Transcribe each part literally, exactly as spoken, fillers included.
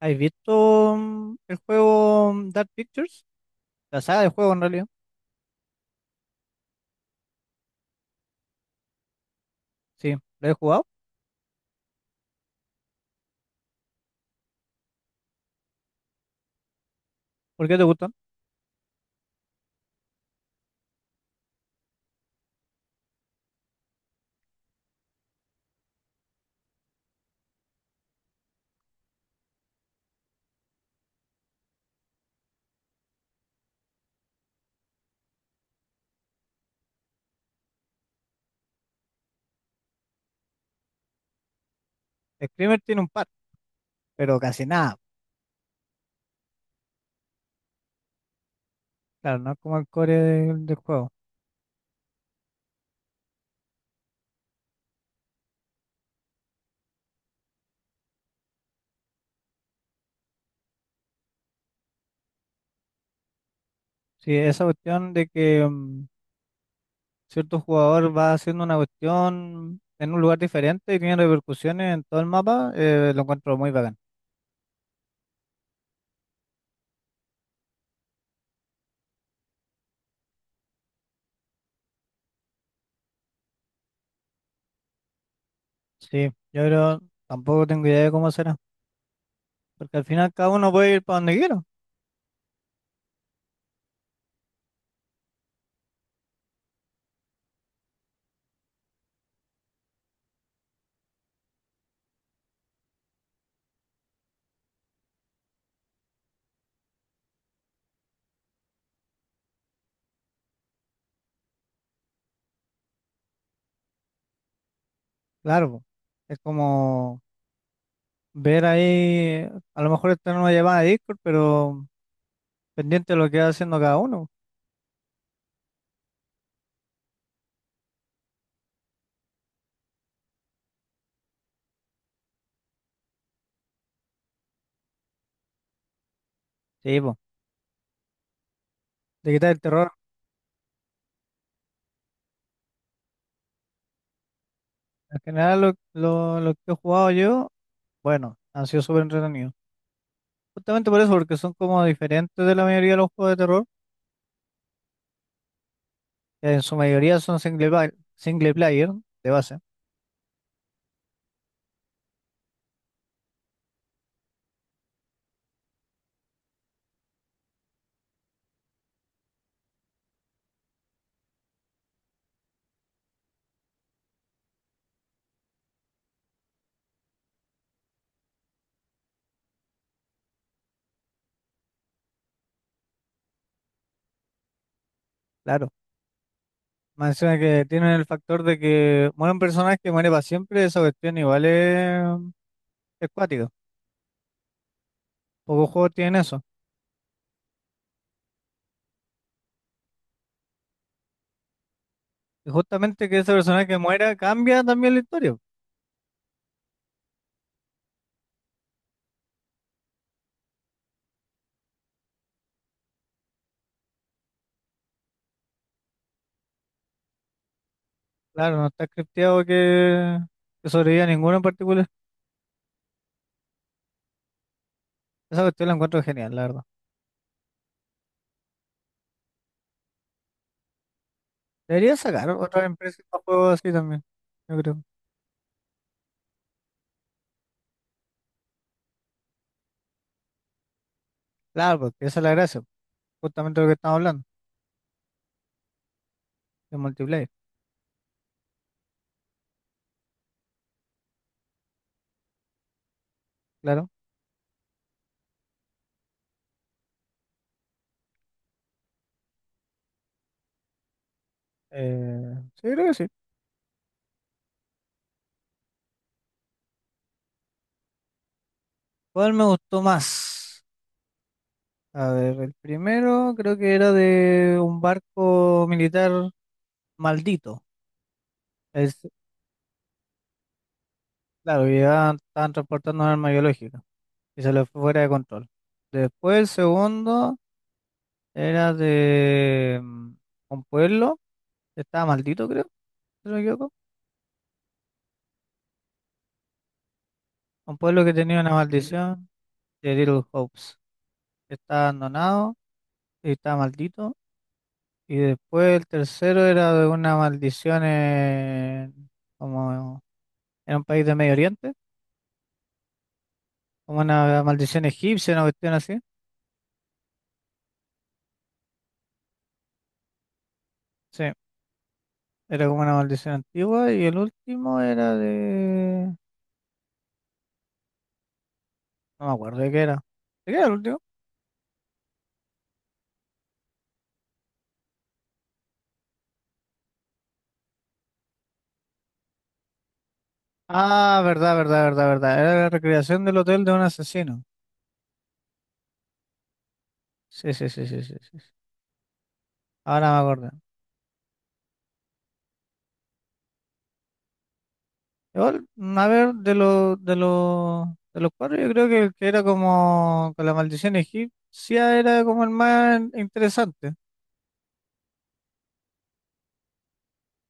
¿Has visto mm, el juego mm, Dark Pictures? La saga de juego en realidad. Sí, lo he jugado. ¿Por qué te gustan? Screamer tiene un par, pero casi nada. Claro, no es como el core del, del juego. Sí, esa cuestión de que mm, cierto jugador va haciendo una cuestión en un lugar diferente y tiene repercusiones en todo el mapa, eh, lo encuentro muy bacán. Sí, yo creo, tampoco tengo idea de cómo será, porque al final cada uno puede ir para donde quiera. Claro, po, es como ver ahí, a lo mejor esta una llamada de Discord, pero pendiente de lo que va haciendo cada uno. Sí, po, de quitar el terror. En general, lo, lo, lo que he jugado yo, bueno, han sido súper entretenidos. Justamente por eso, porque son como diferentes de la mayoría de los juegos de terror, que en su mayoría son single, pla- single player, de base, claro. Menciona que tienen el factor de que muere un personaje que muere para siempre, esa cuestión igual es, es cuática. Pocos juegos tienen eso. Y justamente que ese personaje que muera cambia también la historia. Claro, no está scripteado que, que sobreviva ninguno en particular. Esa cuestión la encuentro genial, la verdad. Debería sacar otra empresa para juegos así también, yo creo. Claro, porque esa es la gracia, justamente lo que estamos hablando, de multiplayer, claro. Eh, sí, creo que sí. ¿Cuál me gustó más? A ver, el primero creo que era de un barco militar maldito. Es, claro, que llevaban- estaban transportando un arma biológica y se le fue fuera de control. Después el segundo... Era de mm, un pueblo que estaba maldito, creo, si no me equivoco. Un pueblo que tenía una, sí, maldición de Little Hopes. Que estaba abandonado y estaba maldito. Y después el tercero era de una maldición en, como en un país de Medio Oriente, como una maldición egipcia, una cuestión así. Sí, era como una maldición antigua. Y el último era de... No me acuerdo de qué era. ¿De qué era el último? Ah, verdad, verdad, verdad, verdad. Era la recreación del hotel de un asesino. Sí, sí, sí, sí, sí, sí, sí. Ahora me acuerdo. Igual, mm, a ver, de los de los de los cuatro, yo creo que el que era como con la maldición egipcia era como el más interesante.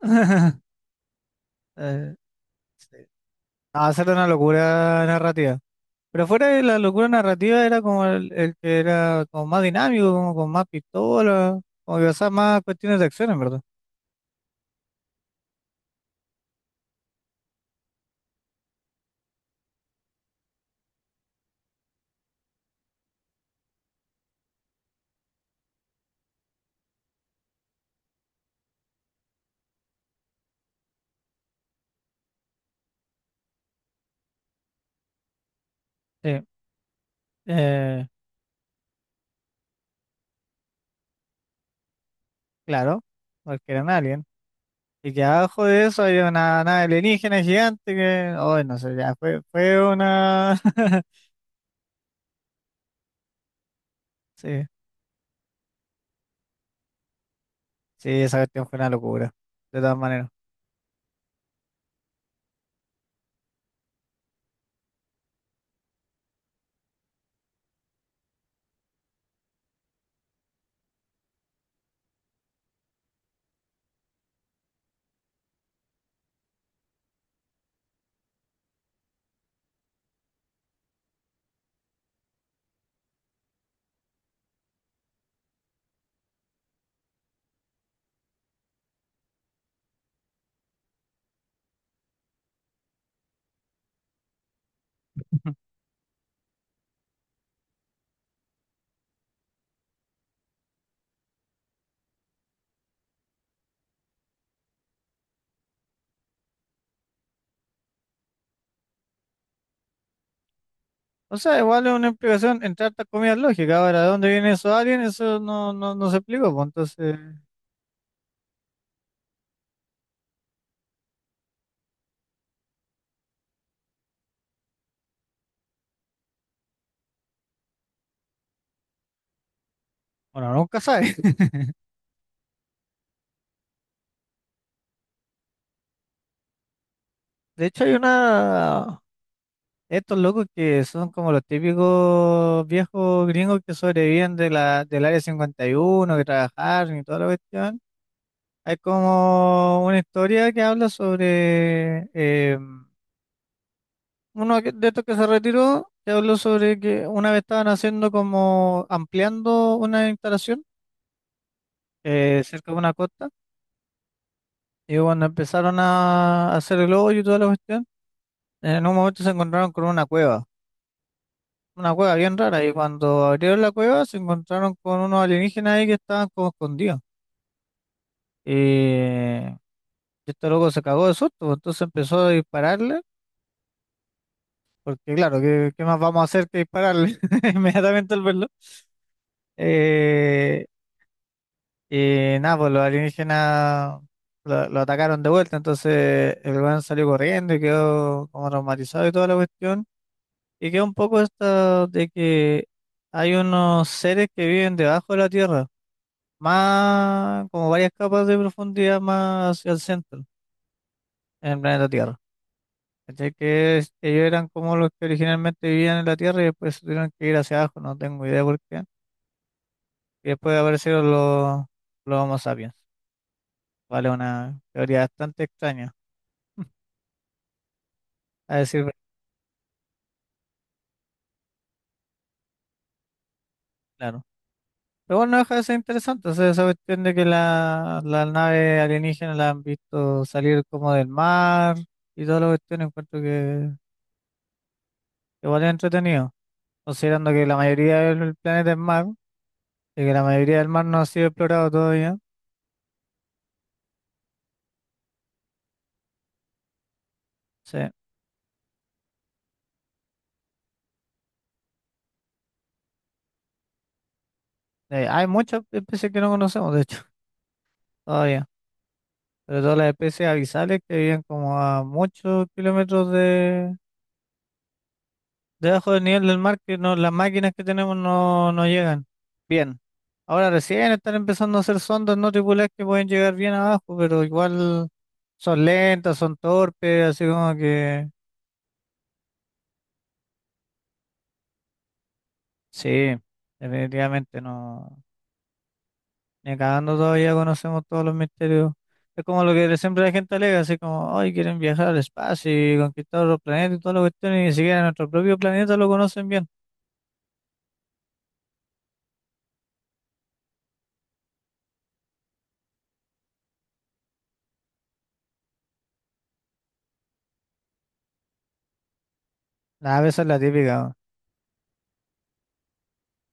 Eh, sí. Ah, esa una locura narrativa. Pero fuera de la locura narrativa era como el, el que era como más dinámico, como con más pistola, como que usaba más cuestiones de acción, en verdad. Sí. Eh, claro, porque eran aliens. Y que abajo de eso había una nave alienígena gigante que, oh, no sé, ya fue, fue una... Sí, sí, esa cuestión fue una locura, de todas maneras. O sea, igual es una explicación entre hartas comidas lógicas. Ahora, ¿de dónde vienen esos aliens? Eso no, no, no se explicó, pues entonces, bueno, nunca sabe. De hecho, hay una... Estos locos que son como los típicos viejos gringos que sobreviven de la, del área cincuenta y uno, que trabajaron y toda la cuestión. Hay como una historia que habla sobre eh, uno que- de estos que se retiró, que habló sobre que una vez estaban haciendo como ampliando una instalación, eh, cerca de una costa, y cuando empezaron a hacer el hoyo y toda la cuestión, en un momento se encontraron con una cueva, una cueva bien rara, y cuando abrieron la cueva se encontraron con unos alienígenas ahí que estaban como escondidos, y este loco se cagó de susto, pues, entonces empezó a dispararle. Porque claro, ¿qué, qué más vamos a hacer que dispararle inmediatamente al verlo? Eh, y nada, pues los alienígenas lo, lo atacaron de vuelta, entonces el weón salió corriendo y quedó como traumatizado y toda la cuestión. Y quedó un poco esto de que hay unos seres que viven debajo de la Tierra, más como varias capas de profundidad más hacia el centro, en el planeta Tierra. ¿Cachai? Que es- ellos eran como los que originalmente vivían en la Tierra y después se tuvieron que ir hacia abajo, no tengo idea por qué. Y después aparecieron los, los Homo sapiens. Vale, una teoría bastante extraña, a decir verdad, claro. Pero bueno, no deja de ser interesante. O sea, esa cuestión de que la, la nave alienígena la han visto salir como del mar y toda la cuestión, encuentro que que igual es entretenido. Considerando que la mayoría del planeta es mar y que la mayoría del mar no ha sido explorado todavía. Sí. Eh, hay muchas especies que no conocemos, de hecho, todavía. Pero todas las especies abisales que viven como a muchos kilómetros de debajo del nivel del mar, que no, las máquinas que tenemos no, no llegan bien. Ahora recién están empezando a hacer sondas no tripuladas que pueden llegar bien abajo, pero igual son lentas, son torpes, así como que sí, definitivamente no. Ni cagando todavía conocemos todos los misterios. Es como lo que siempre la gente alega, así como, hoy quieren viajar al espacio y conquistar otros planetas y todas las cuestiones, y ni siquiera nuestro propio planeta lo conocen bien. Nada, esa es la típica.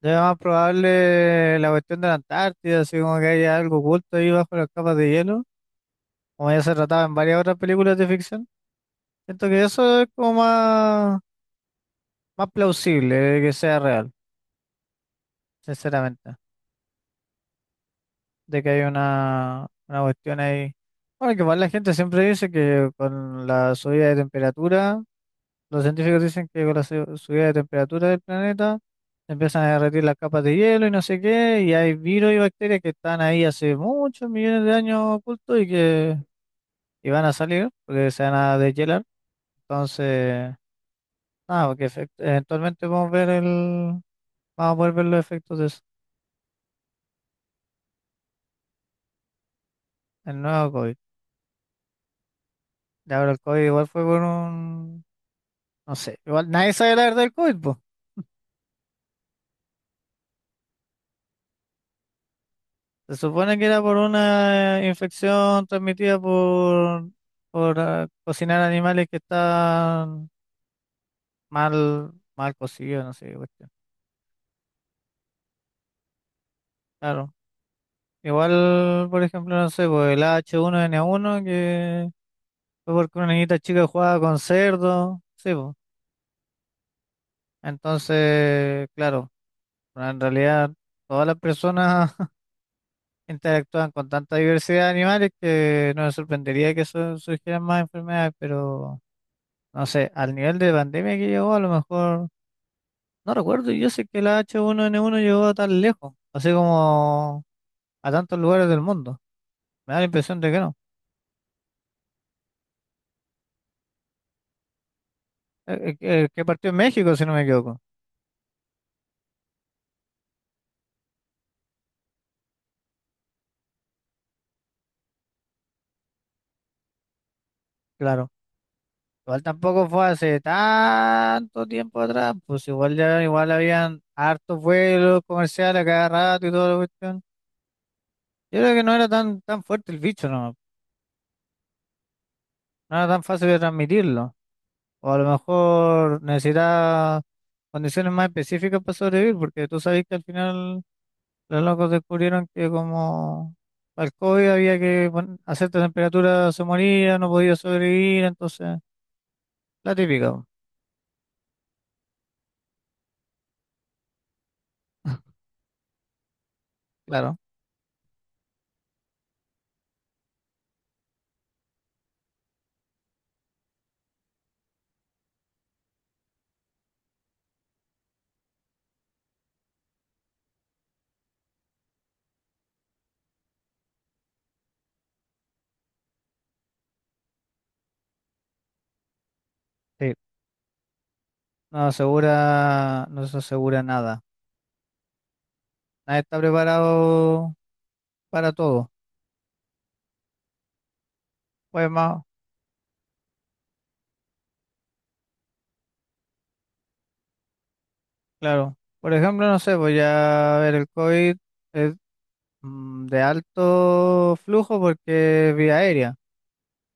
Es más probable la cuestión de la Antártida, así como que haya algo oculto ahí bajo las capas de hielo, como ya se trataba en varias otras películas de ficción. Siento que eso es como más, más plausible de que sea real, sinceramente, de que hay una, una cuestión ahí. Bueno, que igual la gente siempre dice que con la subida de temperatura. Los científicos dicen que con la su- subida de temperatura del planeta empiezan a derretir las capas de hielo y no sé qué, y hay virus y bacterias que están ahí hace muchos millones de años ocultos, y que y van a salir porque se van a deshielar. Entonces, nada, porque efect- eventualmente vamos a ver el, vamos a poder ver los efectos de eso, el nuevo COVID. Y ahora el COVID igual fue por un, no sé, igual nadie sabe la verdad del COVID. Se supone que era por una eh, infección transmitida por, por ah, cocinar animales que están mal, mal cocidos, no sé qué cuestión. Claro. Igual, por ejemplo, no sé, pues el H uno N uno, que fue porque una niñita chica jugaba con cerdo, sí, pues. Entonces, claro, pero en realidad todas las personas interactúan con tanta diversidad de animales que no me sorprendería que su- surgieran más enfermedades, pero... No sé, al nivel de pandemia que llegó, a lo mejor, no recuerdo, yo sé que la H uno N uno llegó tan lejos, así como a tantos lugares del mundo. Me da la impresión de que no. Eh, eh, que que partió en México, si no me equivoco. Claro. Igual tampoco fue hace tanto tiempo atrás, pues igual ya, igual habían hartos vuelos comerciales a cada rato y toda la cuestión. Yo creo que no era tan, tan fuerte el bicho, no, no era tan fácil de transmitirlo. O a lo mejor necesitaba condiciones más específicas para sobrevivir, porque tú sabes que al final los locos descubrieron que como para el COVID había que pon- a cierta temperatura se moría, no podía sobrevivir, entonces la típica, po. Claro, sí, no asegura, no se asegura nada, nadie está preparado para todo, pues más, claro, por ejemplo, no sé, voy a ver el COVID es mm, de alto flujo porque es vía aérea.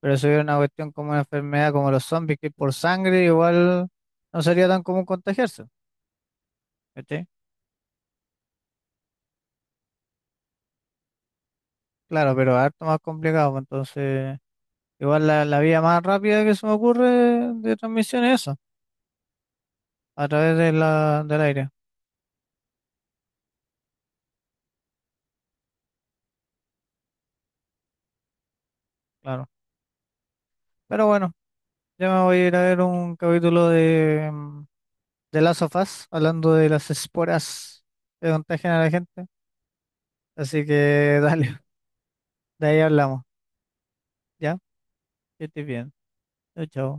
Pero si hubiera una cuestión como una enfermedad como los zombies, que es por sangre, igual no sería tan común contagiarse, ¿cachai? Claro, pero harto más complicado, pues, entonces igual la, la vía más rápida que se me ocurre de transmisión es eso, a través de la, del aire, claro. Pero bueno, ya me voy a ir a ver un capítulo de, mm, de Last of Us, hablando de las esporas que contagian a la gente, así que dale, de ahí hablamos, ¿ya? Que estés bien, chao, chao.